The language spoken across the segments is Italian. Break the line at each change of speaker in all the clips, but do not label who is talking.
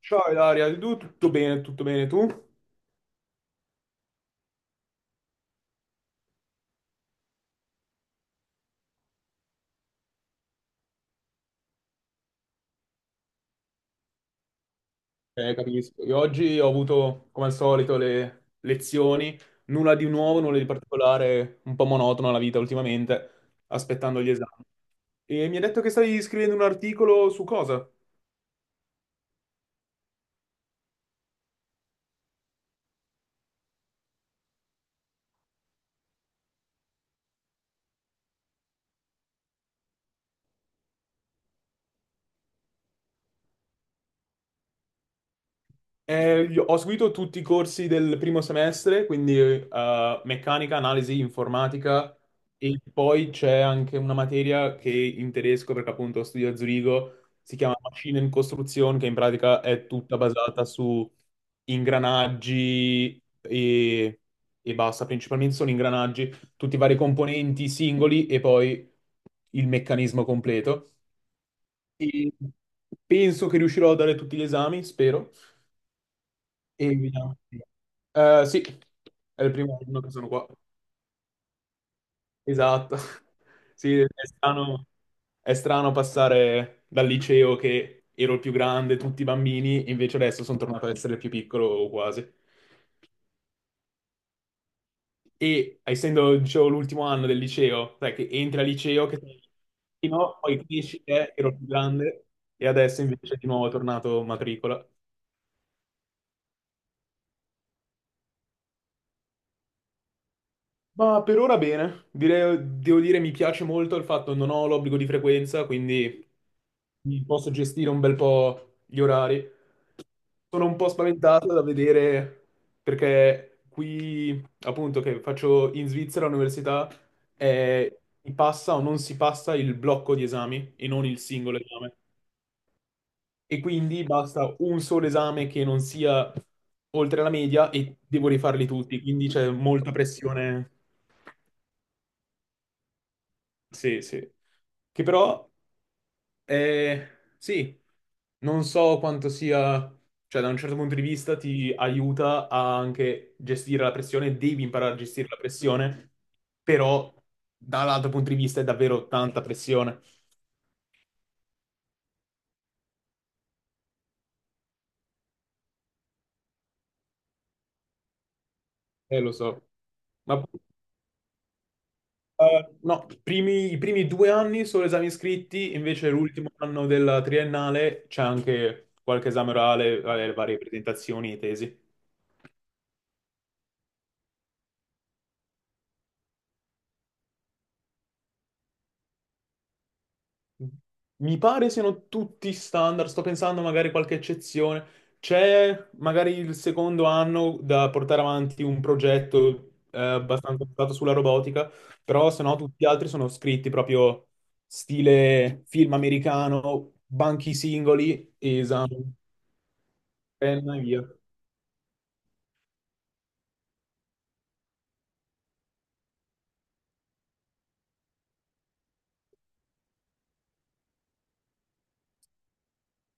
Ciao Ilaria, tu tutto bene tu? Capisco. Io oggi ho avuto, come al solito, le lezioni, nulla di nuovo, nulla di particolare, un po' monotona la vita ultimamente, aspettando gli esami. E mi ha detto che stai scrivendo un articolo su cosa? Io ho seguito tutti i corsi del primo semestre, quindi meccanica, analisi, informatica e poi c'è anche una materia che in tedesco, perché appunto studio a Zurigo, si chiama Maschinen Konstruktion, che in pratica è tutta basata su ingranaggi e basta, principalmente sono ingranaggi, tutti i vari componenti singoli e poi il meccanismo completo. E penso che riuscirò a dare tutti gli esami, spero. Evita. Sì, è il primo anno che sono qua. Esatto. Sì, è strano passare dal liceo che ero il più grande, tutti i bambini, e invece adesso sono tornato ad essere il più piccolo o quasi. E essendo, dicevo, l'ultimo anno del liceo, sai che entri al liceo, che sei no, poi cresci, ero il più grande, e adesso invece di nuovo è tornato matricola. Ma per ora bene. Devo dire mi piace molto il fatto che non ho l'obbligo di frequenza, quindi mi posso gestire un bel po' gli orari. Sono un po' spaventato da vedere perché qui, appunto, che faccio in Svizzera all'università, si passa o non si passa il blocco di esami e non il singolo esame. E quindi basta un solo esame che non sia oltre la media e devo rifarli tutti, quindi c'è molta pressione. Sì, sì. Che però, eh, sì, non so quanto sia, cioè da un certo punto di vista ti aiuta a anche gestire la pressione, devi imparare a gestire la pressione, però dall'altro punto di vista è davvero tanta pressione, lo so. Ma no, i primi 2 anni solo esami scritti, invece l'ultimo anno della triennale c'è anche qualche esame orale, vabbè, le varie presentazioni e tesi. Mi pare siano tutti standard, sto pensando magari qualche eccezione. C'è magari il secondo anno da portare avanti un progetto abbastanza basato sulla robotica, però se no tutti gli altri sono scritti proprio stile film americano, banchi singoli, esame, penna e via.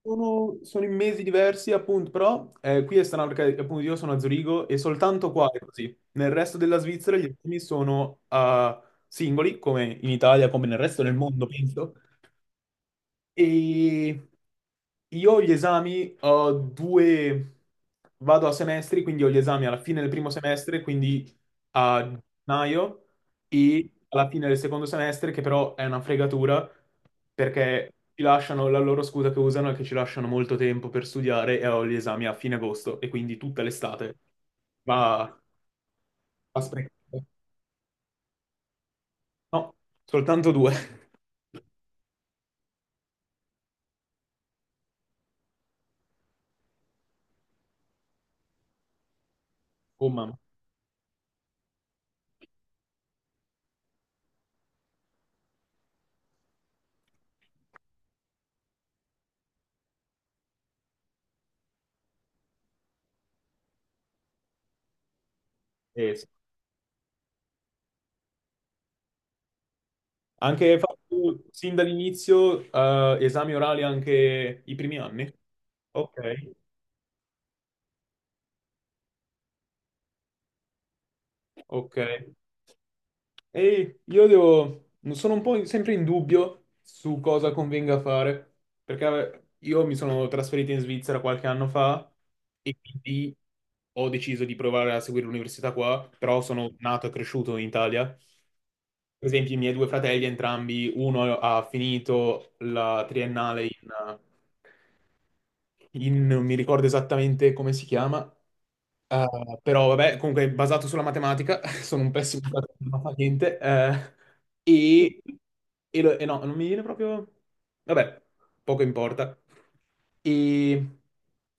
Sono in mesi diversi, appunto, però qui è strano perché appunto io sono a Zurigo e soltanto qua è così. Nel resto della Svizzera gli esami sono a singoli, come in Italia, come nel resto del mondo, penso. E io gli esami ho due, vado a semestri, quindi ho gli esami alla fine del primo semestre, quindi a gennaio, e alla fine del secondo semestre, che però è una fregatura, perché ci lasciano la loro scusa che usano è che ci lasciano molto tempo per studiare e ho gli esami a fine agosto, e quindi tutta l'estate va a sprecare. No, soltanto due. Oh mamma. Sì. Anche hai fatto sin dall'inizio esami orali anche i primi anni? Ok, ok. E io devo, sono un po' sempre in dubbio su cosa convenga fare, perché io mi sono trasferito in Svizzera qualche anno fa e quindi ho deciso di provare a seguire l'università qua, però sono nato e cresciuto in Italia. Per esempio, i miei due fratelli, entrambi, uno ha finito la triennale in, non mi ricordo esattamente come si chiama, però vabbè, comunque è basato sulla matematica, sono un pessimo datore, non fa niente, e, e no, non mi viene proprio... Vabbè, poco importa. E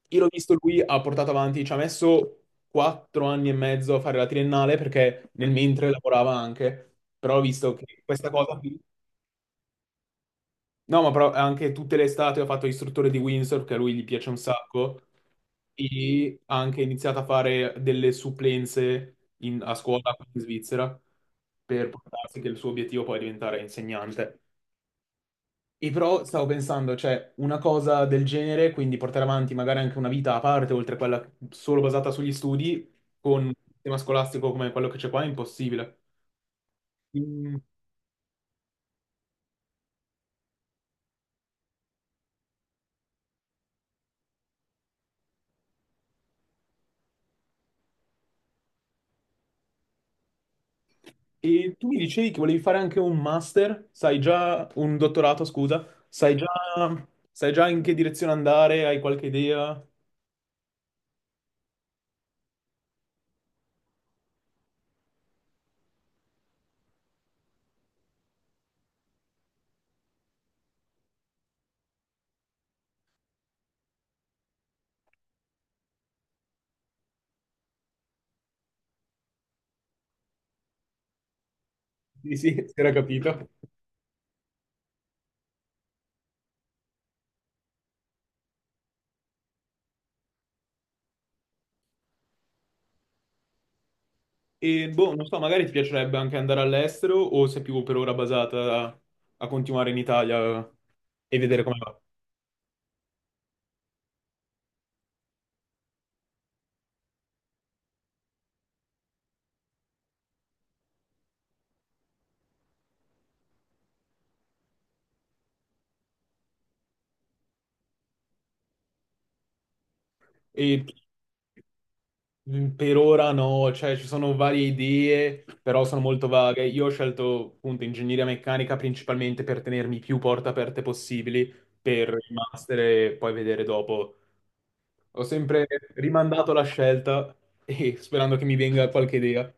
io l'ho visto, lui ha portato avanti, ci ha messo 4 anni e mezzo a fare la triennale perché nel mentre lavorava anche, però ho visto che questa cosa qui. No, ma però anche tutte le estate ha fatto istruttore di Windsor, che a lui gli piace un sacco, e ha anche iniziato a fare delle supplenze a scuola qui in Svizzera per portarsi che il suo obiettivo poi è diventare insegnante. E però stavo pensando, cioè, una cosa del genere, quindi portare avanti magari anche una vita a parte, oltre a quella solo basata sugli studi, con un sistema scolastico come quello che c'è qua, è impossibile. E tu mi dicevi che volevi fare anche un master, sai già, un dottorato, scusa, sai già in che direzione andare, hai qualche idea? Sì, sì, si era capito. E boh, non so, magari ti piacerebbe anche andare all'estero o sei più per ora basata a, a continuare in Italia e vedere come va. E per ora no, cioè ci sono varie idee, però sono molto vaghe. Io ho scelto appunto ingegneria meccanica principalmente per tenermi più porte aperte possibili per il master e poi vedere dopo. Ho sempre rimandato la scelta e sperando che mi venga qualche idea.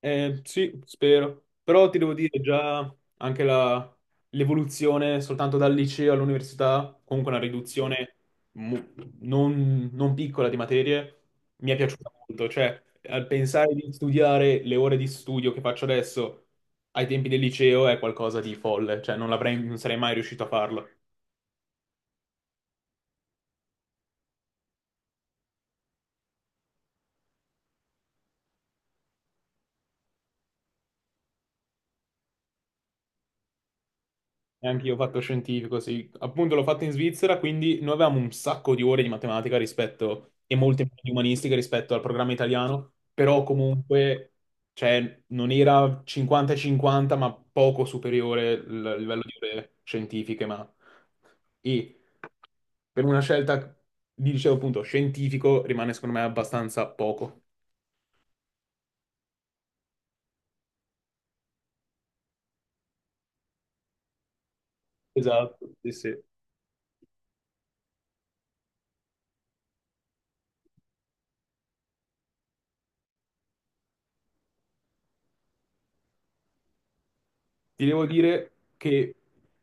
Sì, spero. Però ti devo dire già anche l'evoluzione soltanto dal liceo all'università, comunque una riduzione mu- non piccola di materie, mi è piaciuta molto. Cioè, al pensare di studiare le ore di studio che faccio adesso ai tempi del liceo è qualcosa di folle. Cioè, non sarei mai riuscito a farlo. Neanche io ho fatto scientifico, sì. Appunto l'ho fatto in Svizzera, quindi noi avevamo un sacco di ore di matematica rispetto, e molte meno di umanistica rispetto al programma italiano, però comunque, cioè, non era 50-50, ma poco superiore il livello di ore scientifiche, ma... E per una scelta, vi dicevo appunto, scientifico, rimane secondo me abbastanza poco. Esatto, sì, sì. Ti devo dire che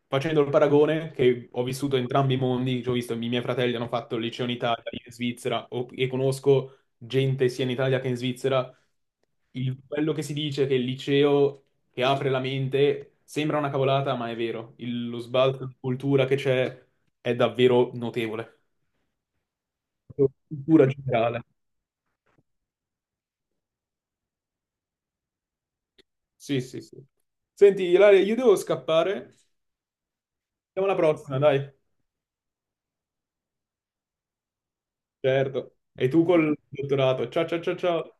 facendo il paragone, che ho vissuto entrambi i mondi, cioè ho visto i miei fratelli hanno fatto il liceo in Italia, io in Svizzera, e conosco gente sia in Italia che in Svizzera, quello che si dice che il liceo che apre la mente sembra una cavolata, ma è vero. Lo sbalzo di cultura che c'è è davvero notevole. Cultura generale. Sì, sì, sì. Senti, Ilaria, io devo scappare. Siamo alla prossima, dai. Certo. E tu col dottorato. Ciao, ciao, ciao, ciao.